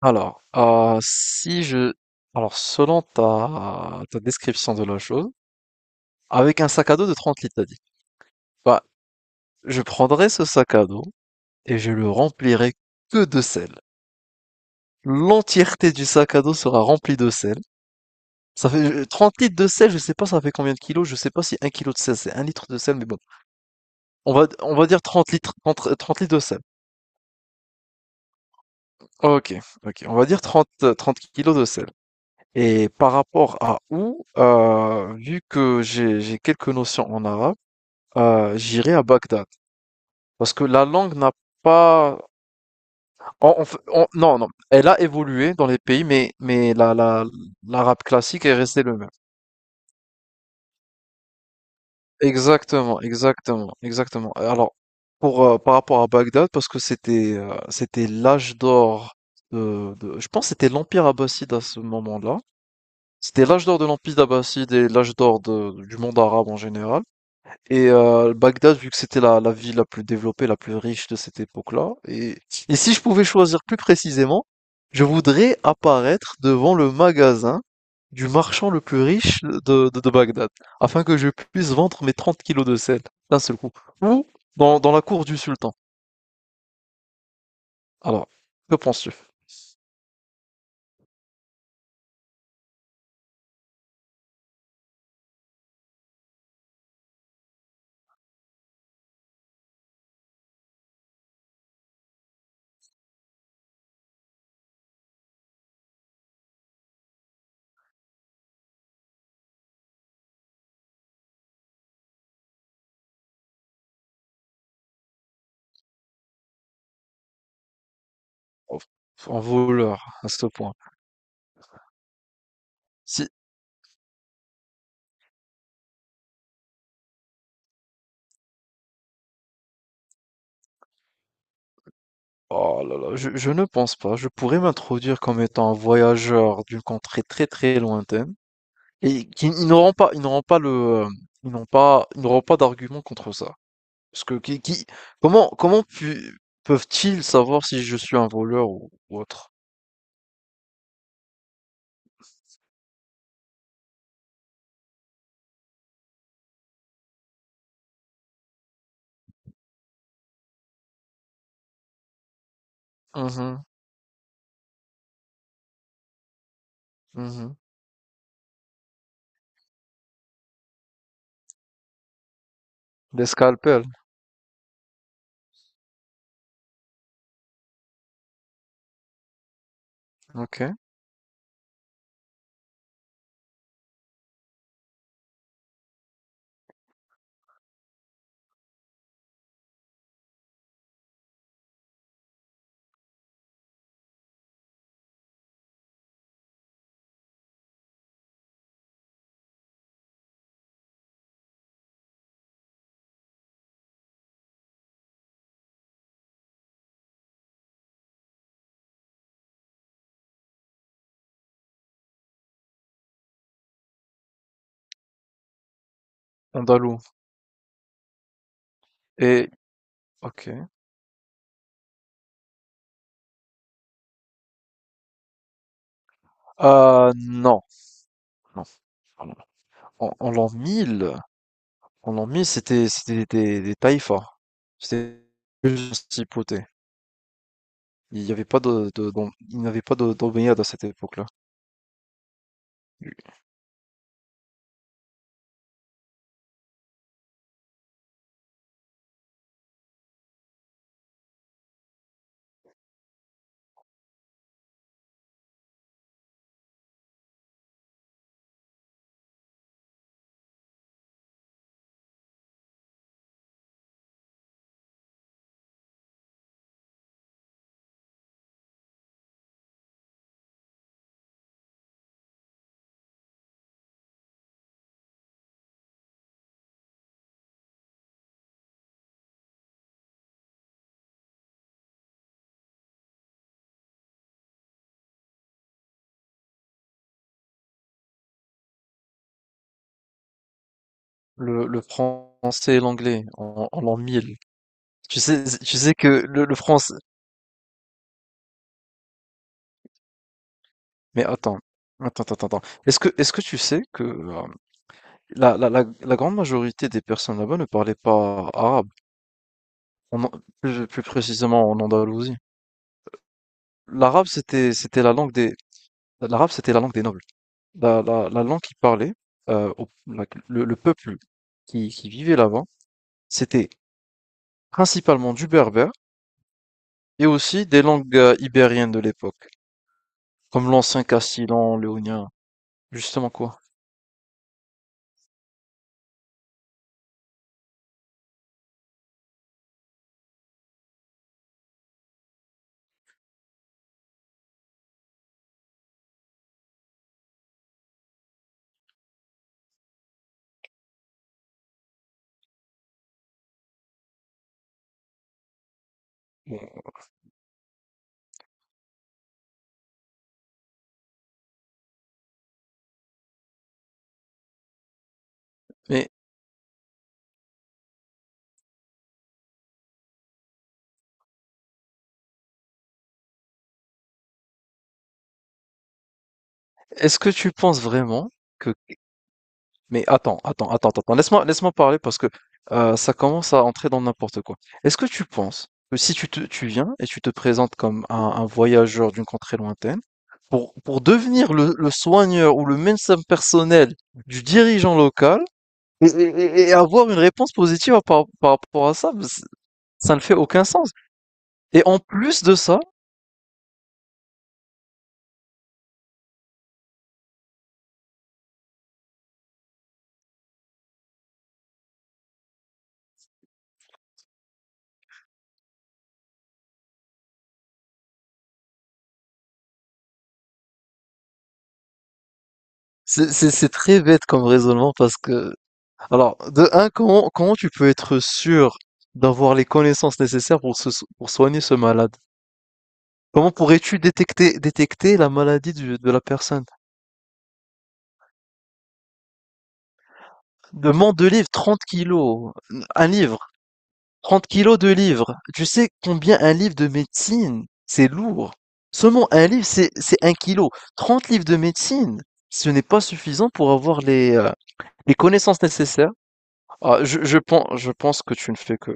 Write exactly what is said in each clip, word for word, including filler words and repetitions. Alors, euh, si je... Alors, selon ta, ta description de la chose, avec un sac à dos de trente litres, t'as dit. Bah, je prendrai ce sac à dos et je le remplirai que de sel. L'entièreté du sac à dos sera remplie de sel. Ça fait euh, trente litres de sel, je sais pas ça fait combien de kilos, je sais pas si un kilo de sel c'est un litre de sel, mais bon. On va, on va dire trente litres, trente, euh, trente litres de sel. Ok, ok, on va dire trente euh, trente kilos de sel. Et par rapport à où, euh, vu que j'ai j'ai quelques notions en arabe, euh, j'irai à Bagdad. Parce que la langue n'a pas. En- en fait- en- non, non, elle a évolué dans les pays, mais, mais la, la, l'arabe classique est resté le même. Exactement, exactement, exactement. Alors, pour, euh, par rapport à Bagdad, parce que c'était euh, c'était l'âge d'or de, de- je pense que c'était l'Empire abbasside à ce moment-là. C'était l'âge d'or de l'Empire abbasside et l'âge d'or de- du monde arabe en général. Et euh, Bagdad, vu que c'était la, la ville la plus développée, la plus riche de cette époque-là, et, et si je pouvais choisir plus précisément, je voudrais apparaître devant le magasin du marchand le plus riche de, de, de Bagdad, afin que je puisse vendre mes trente kilos de sel d'un seul coup, ou dans, dans la cour du sultan. Alors, que penses-tu? En en voleur, à ce point. Si, oh là là, je, je ne pense pas. Je pourrais m'introduire comme étant un voyageur d'une contrée très très lointaine. Et qui- ils n'auront pas, ils n'auront pas le, ils n'ont pas, ils n'auront pas d'argument contre ça. Parce que qui, qui- comment, comment pu- peuvent-ils savoir si je suis un voleur ou, ou autre? Mhm, mhm. Des scalpels, ok. Andalou. Et, ok. Euh, non, non. Pardon. En, en l'an mille, en l'an mille, c'était, c'était des, des taïfas. C'était juste des principautés. Il n'y avait pas de, de, d'om- il n'y avait pas de- d'omeyyades à cette époque-là. Lui. Le, le français et l'anglais en, en l'an mille. Tu sais, tu sais que le, le français. Mais attends, attends, attends, attends. Est-ce que, est-ce que tu sais que euh, la, la, la, la grande majorité des personnes là-bas ne parlaient pas arabe, En An- plus, plus précisément en Andalousie. L'arabe, c'était, c'était la langue des, l'arabe, c'était la langue des nobles. La, la, la langue qu'ils parlaient, euh, au- la- le, le peuple qui, qui vivait là-bas, c'était principalement du berbère et aussi des langues euh, ibériennes de l'époque, comme l'ancien castillan, léonien, justement quoi. Bon. Mais est-ce que tu penses vraiment que. Mais attends, attends, attends, attends. Laisse-moi, laisse-moi parler parce que euh, ça commence à entrer dans n'importe quoi. Est-ce que tu penses que si tu te, tu viens et tu te présentes comme un, un voyageur d'une contrée lointaine, pour, pour devenir le, le soigneur ou le médecin personnel du dirigeant local et et- et avoir une réponse positive à par, par rapport à ça, c'est- ça ne fait aucun sens. Et en plus de ça, c'est c'est- c'est très bête comme raisonnement parce que. Alors, de un, comment, comment tu peux être sûr d'avoir les connaissances nécessaires pour, se, so- pour soigner ce malade? Comment pourrais-tu détecter, détecter la maladie du- de la personne? Demande de livres, trente kilos, un livre, trente kilos de livres. Tu sais combien un livre de médecine, c'est lourd. Seulement un livre, c'est, c'est un kilo. Trente livres de médecine, ce n'est pas suffisant pour avoir les, euh, les connaissances nécessaires. Ah, je, je pense, je pense que tu ne fais que...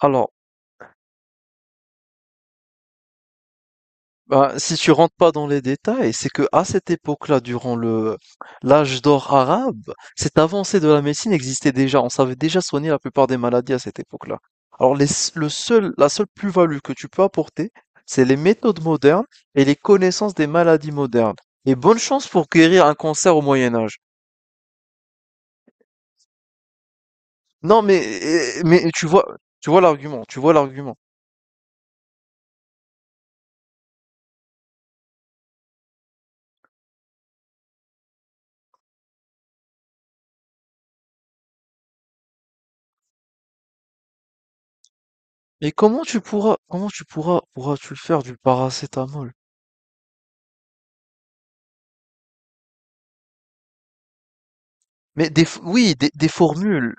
Alors. Ben, si tu rentres pas dans les détails, c'est que à cette époque-là, durant le l'âge d'or arabe, cette avancée de la médecine existait déjà. On savait déjà soigner la plupart des maladies à cette époque-là. Alors les s- le seul, la seule plus-value que tu peux apporter, c'est les méthodes modernes et les connaissances des maladies modernes. Et bonne chance pour guérir un cancer au Moyen Âge. Non, mais eh, mais tu vois, tu vois l'argument, tu vois l'argument. Mais comment tu pourras, comment tu pourras, pourras-tu le faire du paracétamol? Mais des, f- oui, des, des formules.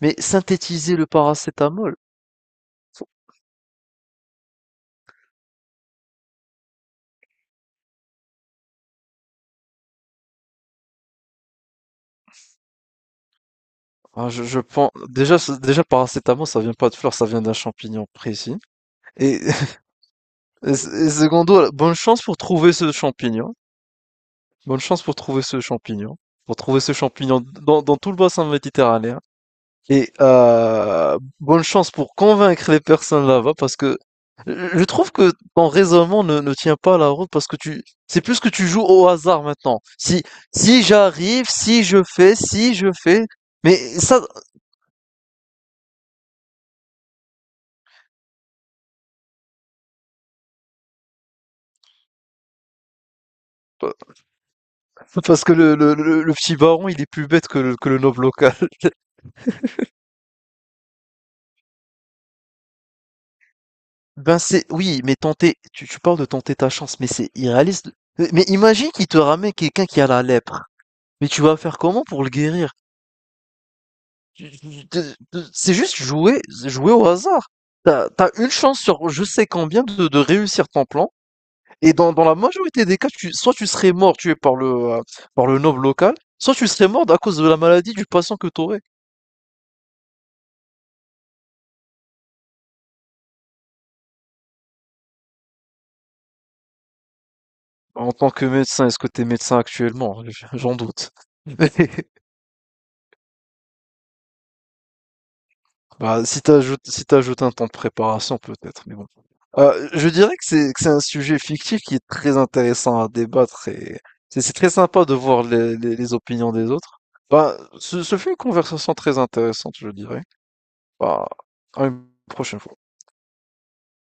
Mais synthétiser le paracétamol, ah, je, je pense déjà ce- déjà paracétamol ça vient pas de fleurs, ça vient d'un champignon précis. Et, et secondo, bonne chance pour trouver ce champignon. Bonne chance pour trouver ce champignon. Pour trouver ce champignon dans, dans tout le bassin méditerranéen. Et euh, bonne chance pour convaincre les personnes là-bas parce que je trouve que ton raisonnement ne, ne tient pas la route parce que tu, c'est plus que tu joues au hasard maintenant. Si, si j'arrive, si je fais, si je fais, mais ça. euh, Parce que le, le, le, le petit baron, il est plus bête que le, que le noble local. Ben c'est, oui, mais tenter, tu, tu parles de tenter ta chance, mais c'est irréaliste. Mais imagine qu'il te ramène quelqu'un qui a la lèpre. Mais tu vas faire comment pour le guérir? Tu- tu- tu- tu- C'est juste jouer, jouer au hasard. T'as, t'as une chance sur je sais combien de, de réussir ton plan. Et dans, dans la majorité des cas, tu- soit tu serais mort tué par le, euh, par le noble local, soit tu serais mort à cause de la maladie du patient que t'aurais. En tant que médecin, est-ce que t'es médecin actuellement? J- J'en doute. Bah, si t'ajoutes, si t'ajoutes un temps de préparation, peut-être, mais bon. Euh, je dirais que c'est, que c'est un sujet fictif qui est très intéressant à débattre et c'est, c'est très sympa de voir les, les, les opinions des autres. Bah, ce, ce fut une conversation très intéressante, je dirais. Bah, à une prochaine fois.